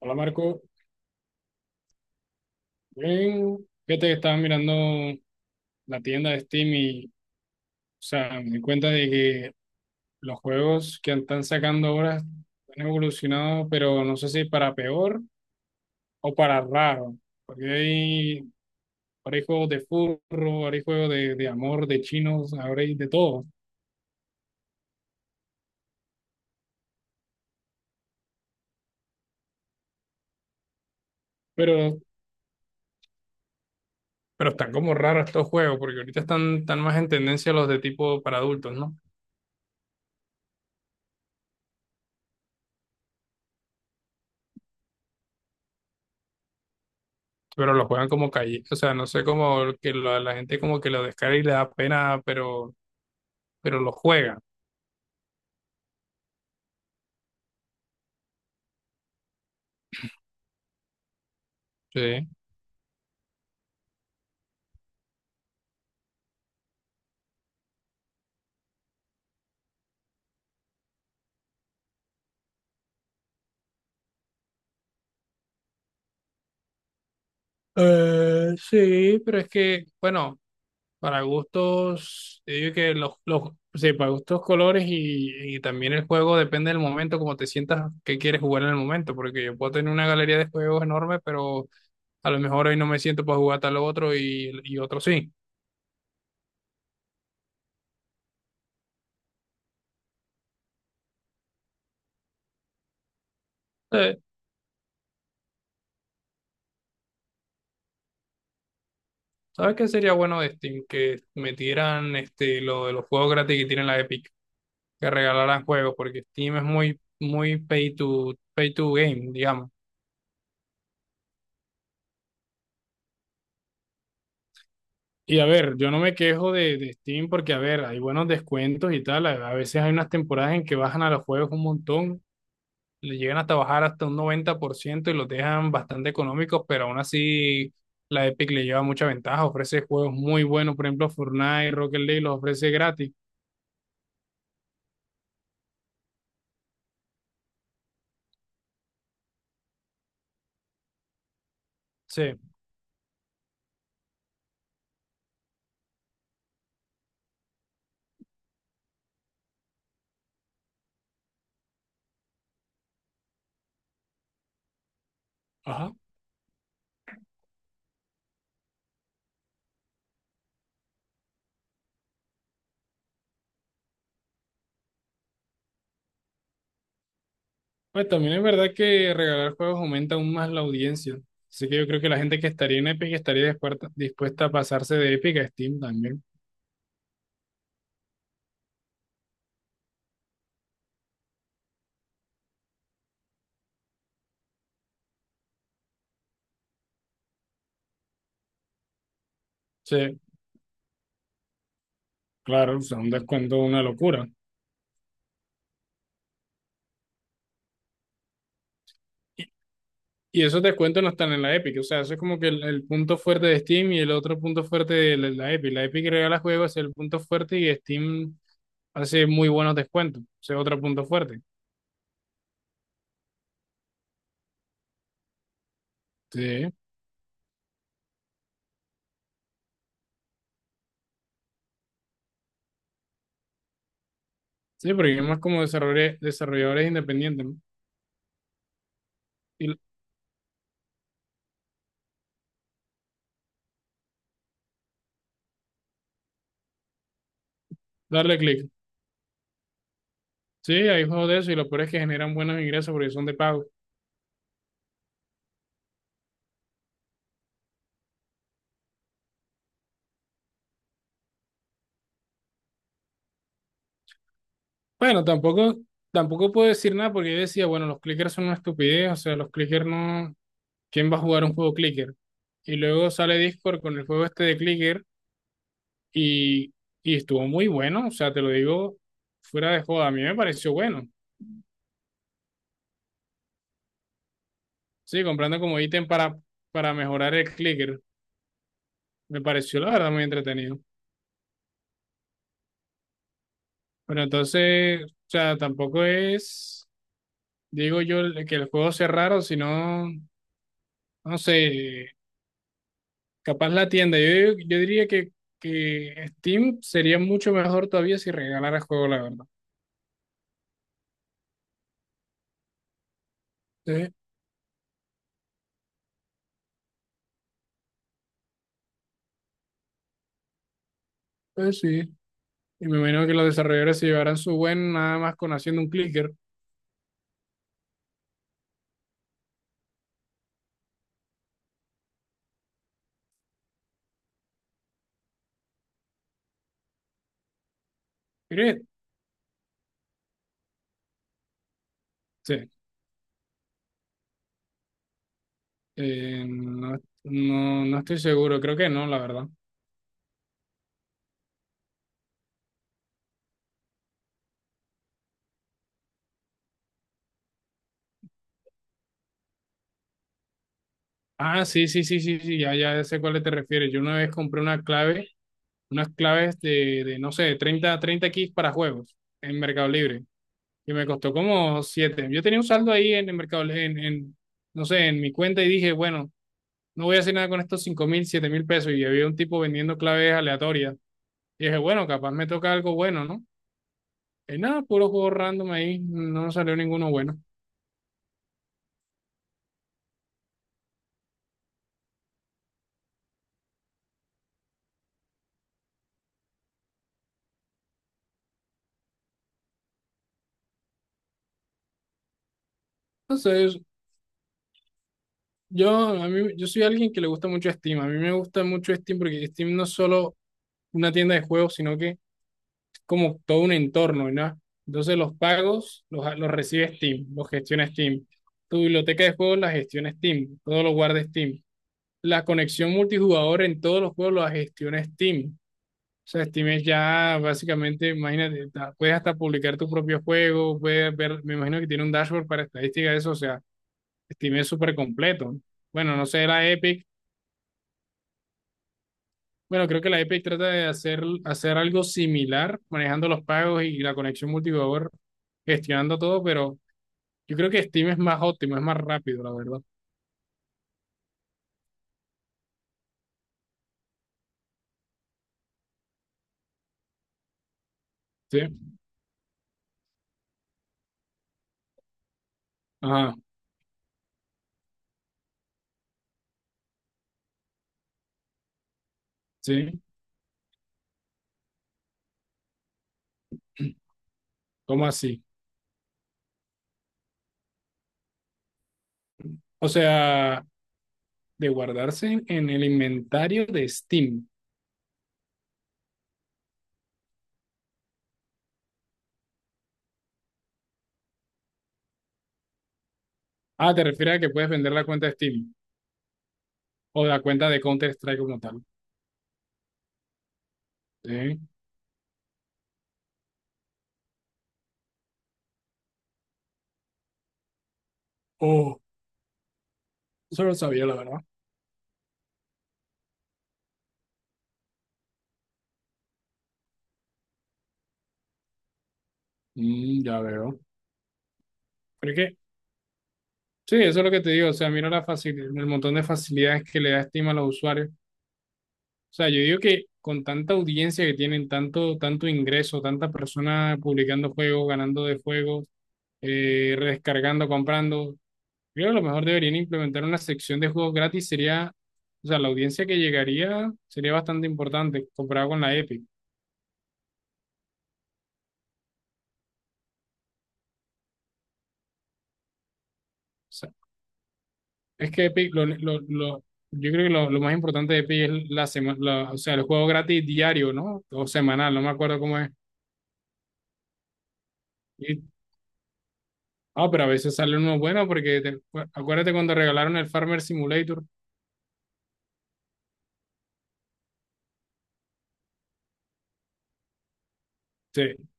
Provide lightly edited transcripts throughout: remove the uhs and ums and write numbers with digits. Hola Marco, bien, fíjate que estaba mirando la tienda de Steam y, o sea, me di cuenta de que los juegos que están sacando ahora han evolucionado, pero no sé si para peor o para raro, porque hay, ahora hay juegos de furro, ahora hay juegos de, amor, de chinos, ahora hay de todo, pero, pero están como raros estos juegos, porque ahorita están, están más en tendencia los de tipo para adultos, ¿no? Pero los juegan como calle, o sea, no sé cómo que la gente como que lo descarga y le da pena, pero lo juega. Sí. Sí, pero es que, bueno, para gustos, yo digo que sí, para gustos colores y también el juego depende del momento, como te sientas que quieres jugar en el momento, porque yo puedo tener una galería de juegos enorme, pero a lo mejor hoy no me siento para jugar tal otro y otro sí. Eh, ¿Sabes qué sería bueno de Steam? Que metieran este, lo de los juegos gratis que tienen la Epic, que regalaran juegos, porque Steam es muy, muy pay to, pay to game, digamos. Y a ver, yo no me quejo de Steam porque, a ver, hay buenos descuentos y tal. A veces hay unas temporadas en que bajan a los juegos un montón, le llegan hasta bajar hasta un 90% y los dejan bastante económicos, pero aún así la Epic le lleva mucha ventaja. Ofrece juegos muy buenos, por ejemplo, Fortnite, Rocket League los ofrece gratis. Sí, ajá. Pues también es verdad que regalar juegos aumenta aún más la audiencia. Así que yo creo que la gente que estaría en Epic estaría dispuesta, dispuesta a pasarse de Epic a Steam también. Sí, claro, o sea, un descuento, una locura. Y esos descuentos no están en la Epic, o sea, eso es como que el punto fuerte de Steam y el otro punto fuerte de la, la Epic. La Epic regala juegos, es el punto fuerte y Steam hace muy buenos descuentos, ese es otro punto fuerte. Sí, sí, porque es más como desarrolladores, desarrolladores independientes, ¿no? Y darle clic. Sí, hay juegos de eso y lo peor es que generan buenos ingresos porque son de pago. Bueno, tampoco, tampoco puedo decir nada porque yo decía, bueno, los clickers son una estupidez, o sea, los clickers no, ¿quién va a jugar un juego clicker? Y luego sale Discord con el juego este de clicker y, y estuvo muy bueno, o sea, te lo digo fuera de joda, a mí me pareció bueno. Sí, comprando como ítem para mejorar el clicker, me pareció la verdad muy entretenido. Pero entonces, o sea, tampoco es, digo yo, el- que el juego sea raro, sino, no sé, capaz la tienda. Yo diría que Steam sería mucho mejor todavía si regalara el juego, la verdad. Sí, pues sí. Y me imagino que los desarrolladores se llevarán su buen nada más con haciendo un clicker. Mire, sí. No, no, no estoy seguro, creo que no, la verdad. Ah, sí, sí, sí, sí, sí, ya, ya sé cuál te refieres. Yo una vez compré una clave, unas claves de, no sé, de 30 30 keys para juegos en Mercado Libre y me costó como siete. Yo tenía un saldo ahí en el Mercado, Li- no sé, en mi cuenta y dije, bueno, no voy a hacer nada con estos 5 mil, 7 mil pesos y había un tipo vendiendo claves aleatorias. Y dije, bueno, capaz me toca algo bueno, ¿no? Y nada, puro juego random ahí, no salió ninguno bueno. Entonces, Yo, a mí, yo soy alguien que le gusta mucho Steam. A mí me gusta mucho Steam porque Steam no es solo una tienda de juegos, sino que es como todo un entorno, ¿no? Entonces los pagos los recibe Steam, los gestiona Steam. Tu biblioteca de juegos la gestiona Steam, todo lo guarda Steam. La conexión multijugador en todos los juegos la gestiona Steam. O sea, Steam es ya básicamente, imagínate, ta- puedes hasta publicar tu propio juego, puedes ver, me imagino que tiene un dashboard para estadística de eso, o sea, Steam es súper completo. Bueno, no sé, la Epic. Bueno, creo que la Epic trata de hacer algo similar, manejando los pagos y la conexión multijugador, gestionando todo, pero yo creo que Steam es más óptimo, es más rápido, la verdad. Sí, ajá, sí. ¿Cómo así? O sea, de guardarse en el inventario de Steam. Ah, te refieres a que puedes vender la cuenta de Steam o la cuenta de Counter-Strike como tal. Sí. Oh, eso lo sabía, la verdad. Mm, ya veo. Pero es que, sí, eso es lo que te digo. O sea, mira la facilidad, el montón de facilidades que le da Steam a los usuarios. O sea, yo digo que con tanta audiencia que tienen, tanto, tanto ingreso, tantas personas publicando juegos, ganando de juegos, rescargando, comprando, creo que a lo mejor deberían implementar una sección de juegos gratis. Sería, o sea, la audiencia que llegaría sería bastante importante comparado con la Epic. O sea, es que Epic, lo- yo creo que lo más importante de Epic es la, semana o sea, el juego gratis diario, ¿no? O semanal, no me acuerdo cómo es. Ah, pero a veces sale uno bueno porque te- acuérdate cuando regalaron el Farmer Simulator. Sí.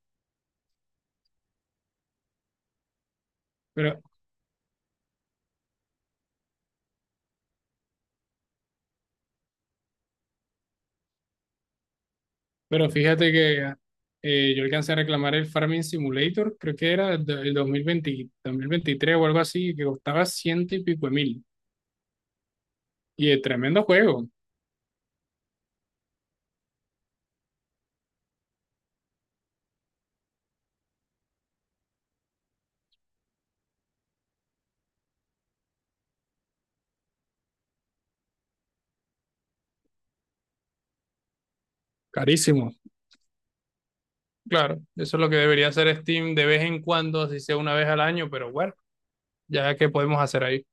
Pero, pero fíjate que yo alcancé a reclamar el Farming Simulator, creo que era do- el 2020, 2023 o algo así, que costaba ciento y pico de mil. Y es tremendo juego, carísimo. Claro, eso es lo que debería hacer Steam de vez en cuando, así sea una vez al año, pero bueno, ya que podemos hacer ahí.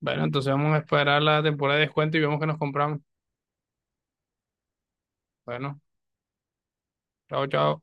Bueno, entonces vamos a esperar la temporada de descuento y vemos que nos compramos. Bueno, chao, chao.